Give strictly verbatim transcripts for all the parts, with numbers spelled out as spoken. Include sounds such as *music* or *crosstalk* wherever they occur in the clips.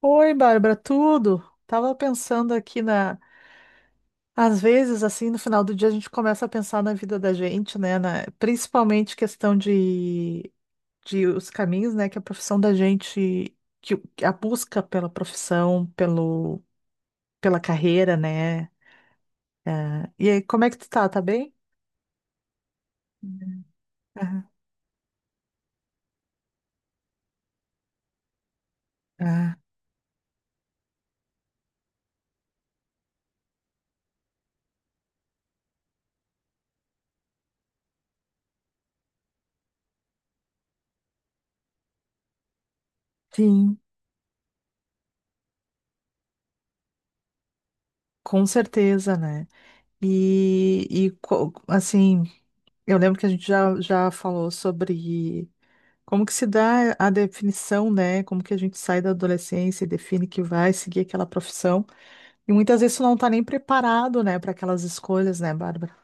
Oi, Bárbara, tudo? Tava pensando aqui na. Às vezes, assim, no final do dia, a gente começa a pensar na vida da gente, né? na- Principalmente questão de... de os caminhos, né? Que a profissão da gente, que que a busca pela profissão, pelo... pela carreira, né? É, e aí, como é que tu tá? Tá bem? Aham. Ah, sim, com certeza, né? E, e co- assim, eu lembro que a gente já, já falou sobre. Como que se dá a definição, né? Como que a gente sai da adolescência e define que vai seguir aquela profissão? E muitas vezes tu não tá nem preparado, né, para aquelas escolhas, né, Bárbara?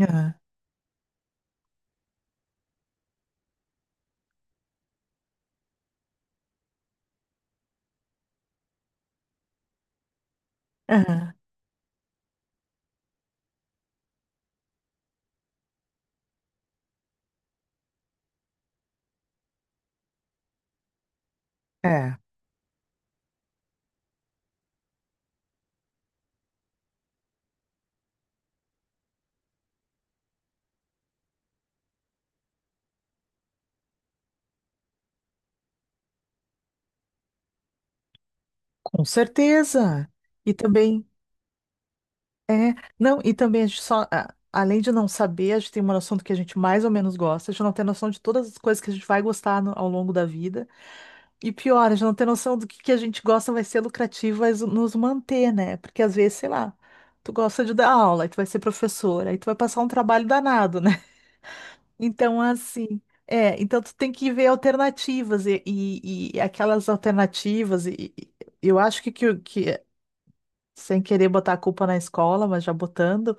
Aham, aham, É, com certeza. E também, é, não, e também a gente só, a- além de não saber, a gente tem uma noção do que a gente mais ou menos gosta, a gente não tem noção de todas as coisas que a gente vai gostar no- ao longo da vida. E pior, a gente não tem noção do que que a gente gosta vai ser lucrativo, vai nos manter, né? Porque às vezes, sei lá, tu gosta de dar aula, aí tu vai ser professora, aí tu vai passar um trabalho danado, né? *laughs* Então, assim, é, então tu tem que ver alternativas e, e- e aquelas alternativas, e, e- eu acho que, que, que, sem querer botar a culpa na escola, mas já botando,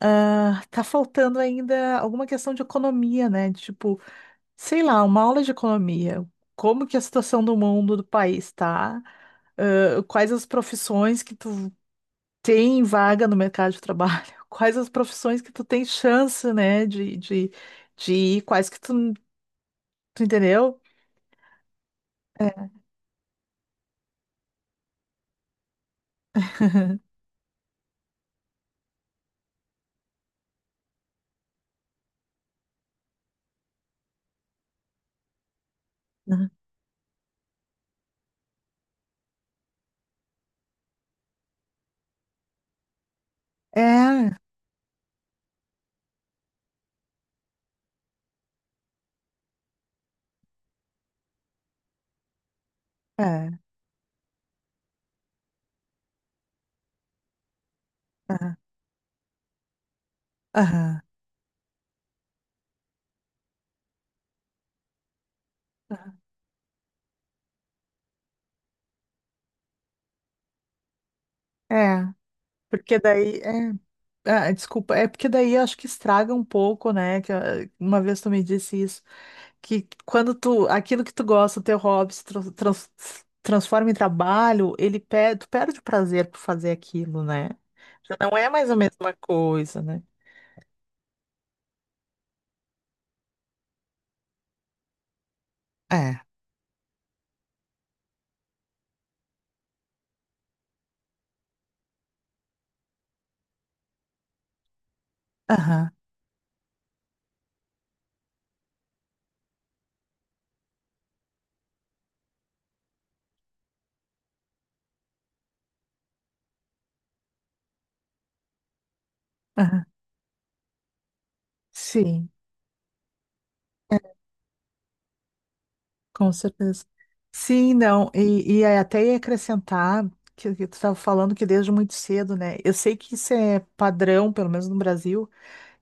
ah, tá faltando ainda alguma questão de economia, né? De, Tipo, sei lá, uma aula de economia. Como que é a situação do mundo, do país tá? Ãh, quais as profissões que tu tem vaga no mercado de trabalho? *laughs* Quais as profissões que tu tem chance, né, de, de, de ir? Quais que tu, tu entendeu? *laughs* Uhum. É, é, é, aham, aham. É. Porque daí, é, ah, desculpa, é porque daí eu acho que estraga um pouco, né? Que ah, uma vez tu me disse isso. Que quando tu, aquilo que tu gosta, o teu hobby se tran- trans- transforma em trabalho, ele perde, tu perde o prazer por fazer aquilo, né? Já não é mais a mesma coisa, né? É. Aham, aham. Sim, com certeza. Sim, não, e, e aí até ia acrescentar que, que tu estava falando que desde muito cedo, né? Eu sei que isso é padrão, pelo menos no Brasil,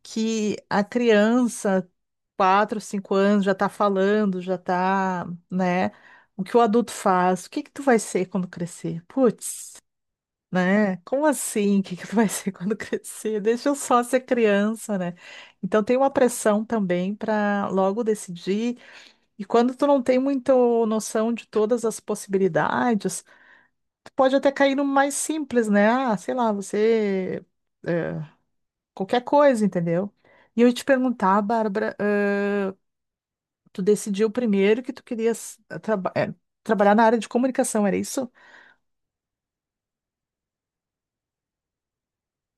que a criança quatro, cinco anos, já tá falando, já tá, né? O que o adulto faz? O que que tu vai ser quando crescer? Putz, né? Como assim? O que que tu vai *laughs* ser quando crescer? Deixa eu só ser criança, né? Então tem uma pressão também para logo decidir. E quando tu não tem muita noção de todas as possibilidades, tu pode até cair no mais simples, né? Ah, sei lá, você é, qualquer coisa, entendeu? E eu ia te perguntar, Bárbara, tu decidiu primeiro que tu querias eh, traba- eh, trabalhar na área de comunicação, era isso?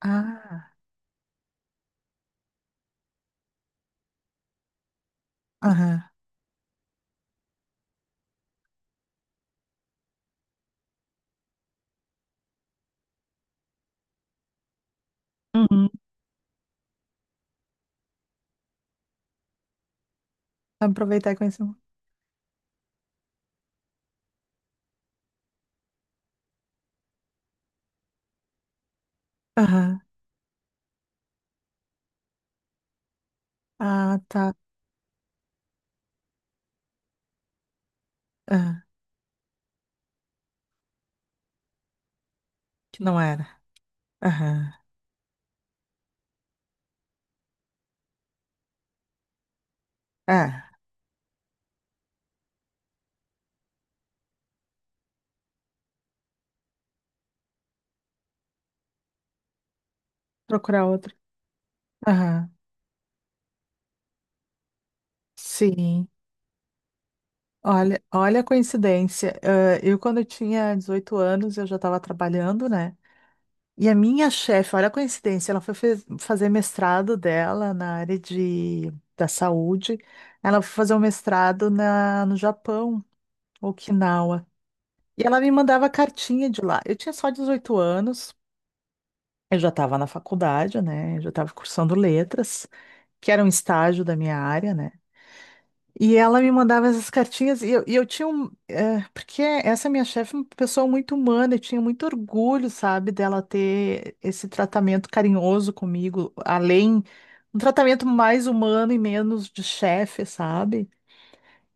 Ah, aham. Uhum. Aproveitar e conhecer. um- Aham. Ah, tá. Aham. Que não era. Aham. É, procurar outro. Aham. Sim. Olha, olha a coincidência. Ah, eu, quando eu tinha dezoito anos, eu já estava trabalhando, né? E a minha chefe, olha a coincidência, ela foi fe- fazer mestrado dela na área de, da saúde. Ela foi fazer um mestrado na, no Japão. Okinawa. E ela me mandava cartinha de lá. Eu tinha só dezoito anos, eu já estava na faculdade, né? Eu já estava cursando letras, que era um estágio da minha área, né? E ela me mandava essas cartinhas e eu, e eu tinha um. eh, porque essa minha chefe é uma pessoa muito humana, eu tinha muito orgulho, sabe, dela ter esse tratamento carinhoso comigo, além. Um tratamento mais humano e menos de chefe, sabe?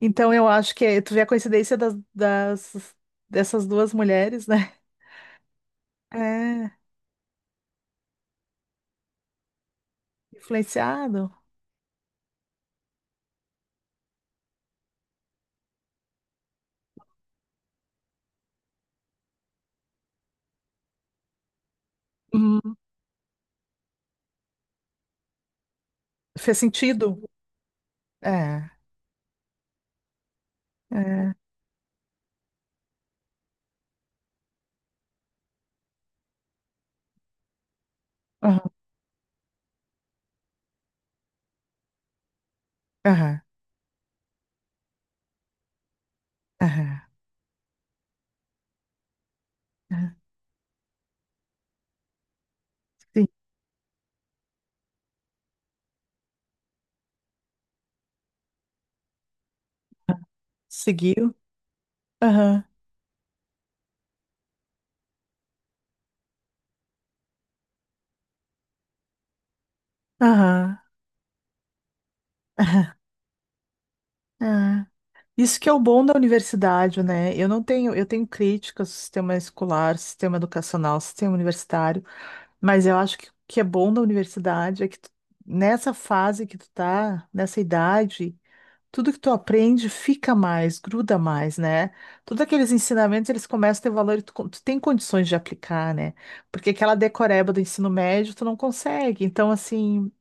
Então eu acho que é- tu vê a coincidência das, das- dessas duas mulheres, né? É, influenciado. Uhum. Fez sentido. É, é. Aham, aham, aham, aham. Sim. Seguiu. Aham, aham. Ah, isso que é o bom da universidade, né? Eu não tenho, eu tenho críticas ao sistema escolar, sistema educacional, sistema universitário, mas eu acho que o que é bom da universidade é que tu- nessa fase que tu tá, nessa idade, tudo que tu aprende fica mais, gruda mais, né? Todos aqueles ensinamentos, eles começam a ter valor e tu, con- tu tem condições de aplicar, né? Porque aquela decoreba do ensino médio, tu não consegue. Então, assim,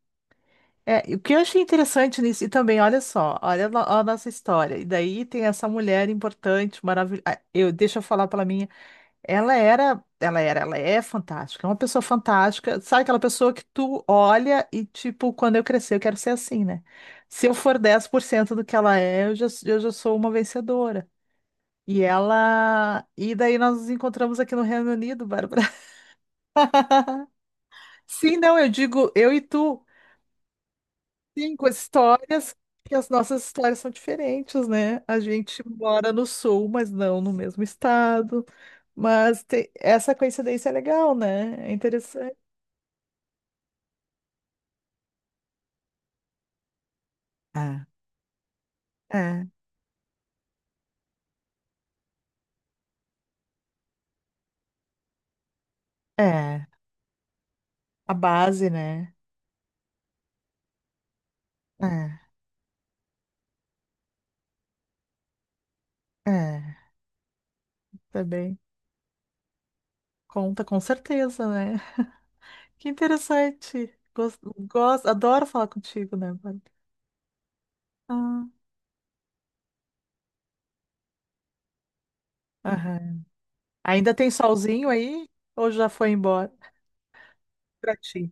é, e o que eu achei interessante nisso, e também, olha só, olha a no- a nossa história. E daí tem essa mulher importante, maravilhosa. Eu, deixa eu falar pela minha. Ela era, ela era, ela é fantástica, é uma pessoa fantástica. Sabe aquela pessoa que tu olha e, tipo, quando eu crescer, eu quero ser assim, né? Se eu for dez por cento do que ela é, eu já, eu já sou uma vencedora. E ela. E daí nós nos encontramos aqui no Reino Unido, Bárbara. *laughs* Sim, não, eu digo eu e tu. Cinco histórias, que as nossas histórias são diferentes, né? A gente mora no sul, mas não no mesmo estado. Mas te- essa coincidência é legal, né? É interessante. É, é, é. A base, né? É, é. Também conta com certeza, né? Que interessante. Gosto, gosto, adoro falar contigo, né, Bárbara? Ah, aham. Ainda tem solzinho aí? Ou já foi embora? Pra ti.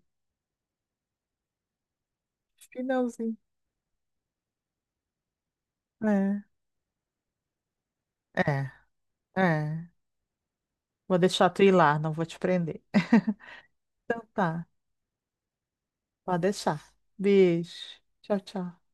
Finalzinho. É, é, é. Vou deixar tu ir lá, não vou te prender. *laughs* Então tá, pode deixar. Beijo. Tchau, tchau.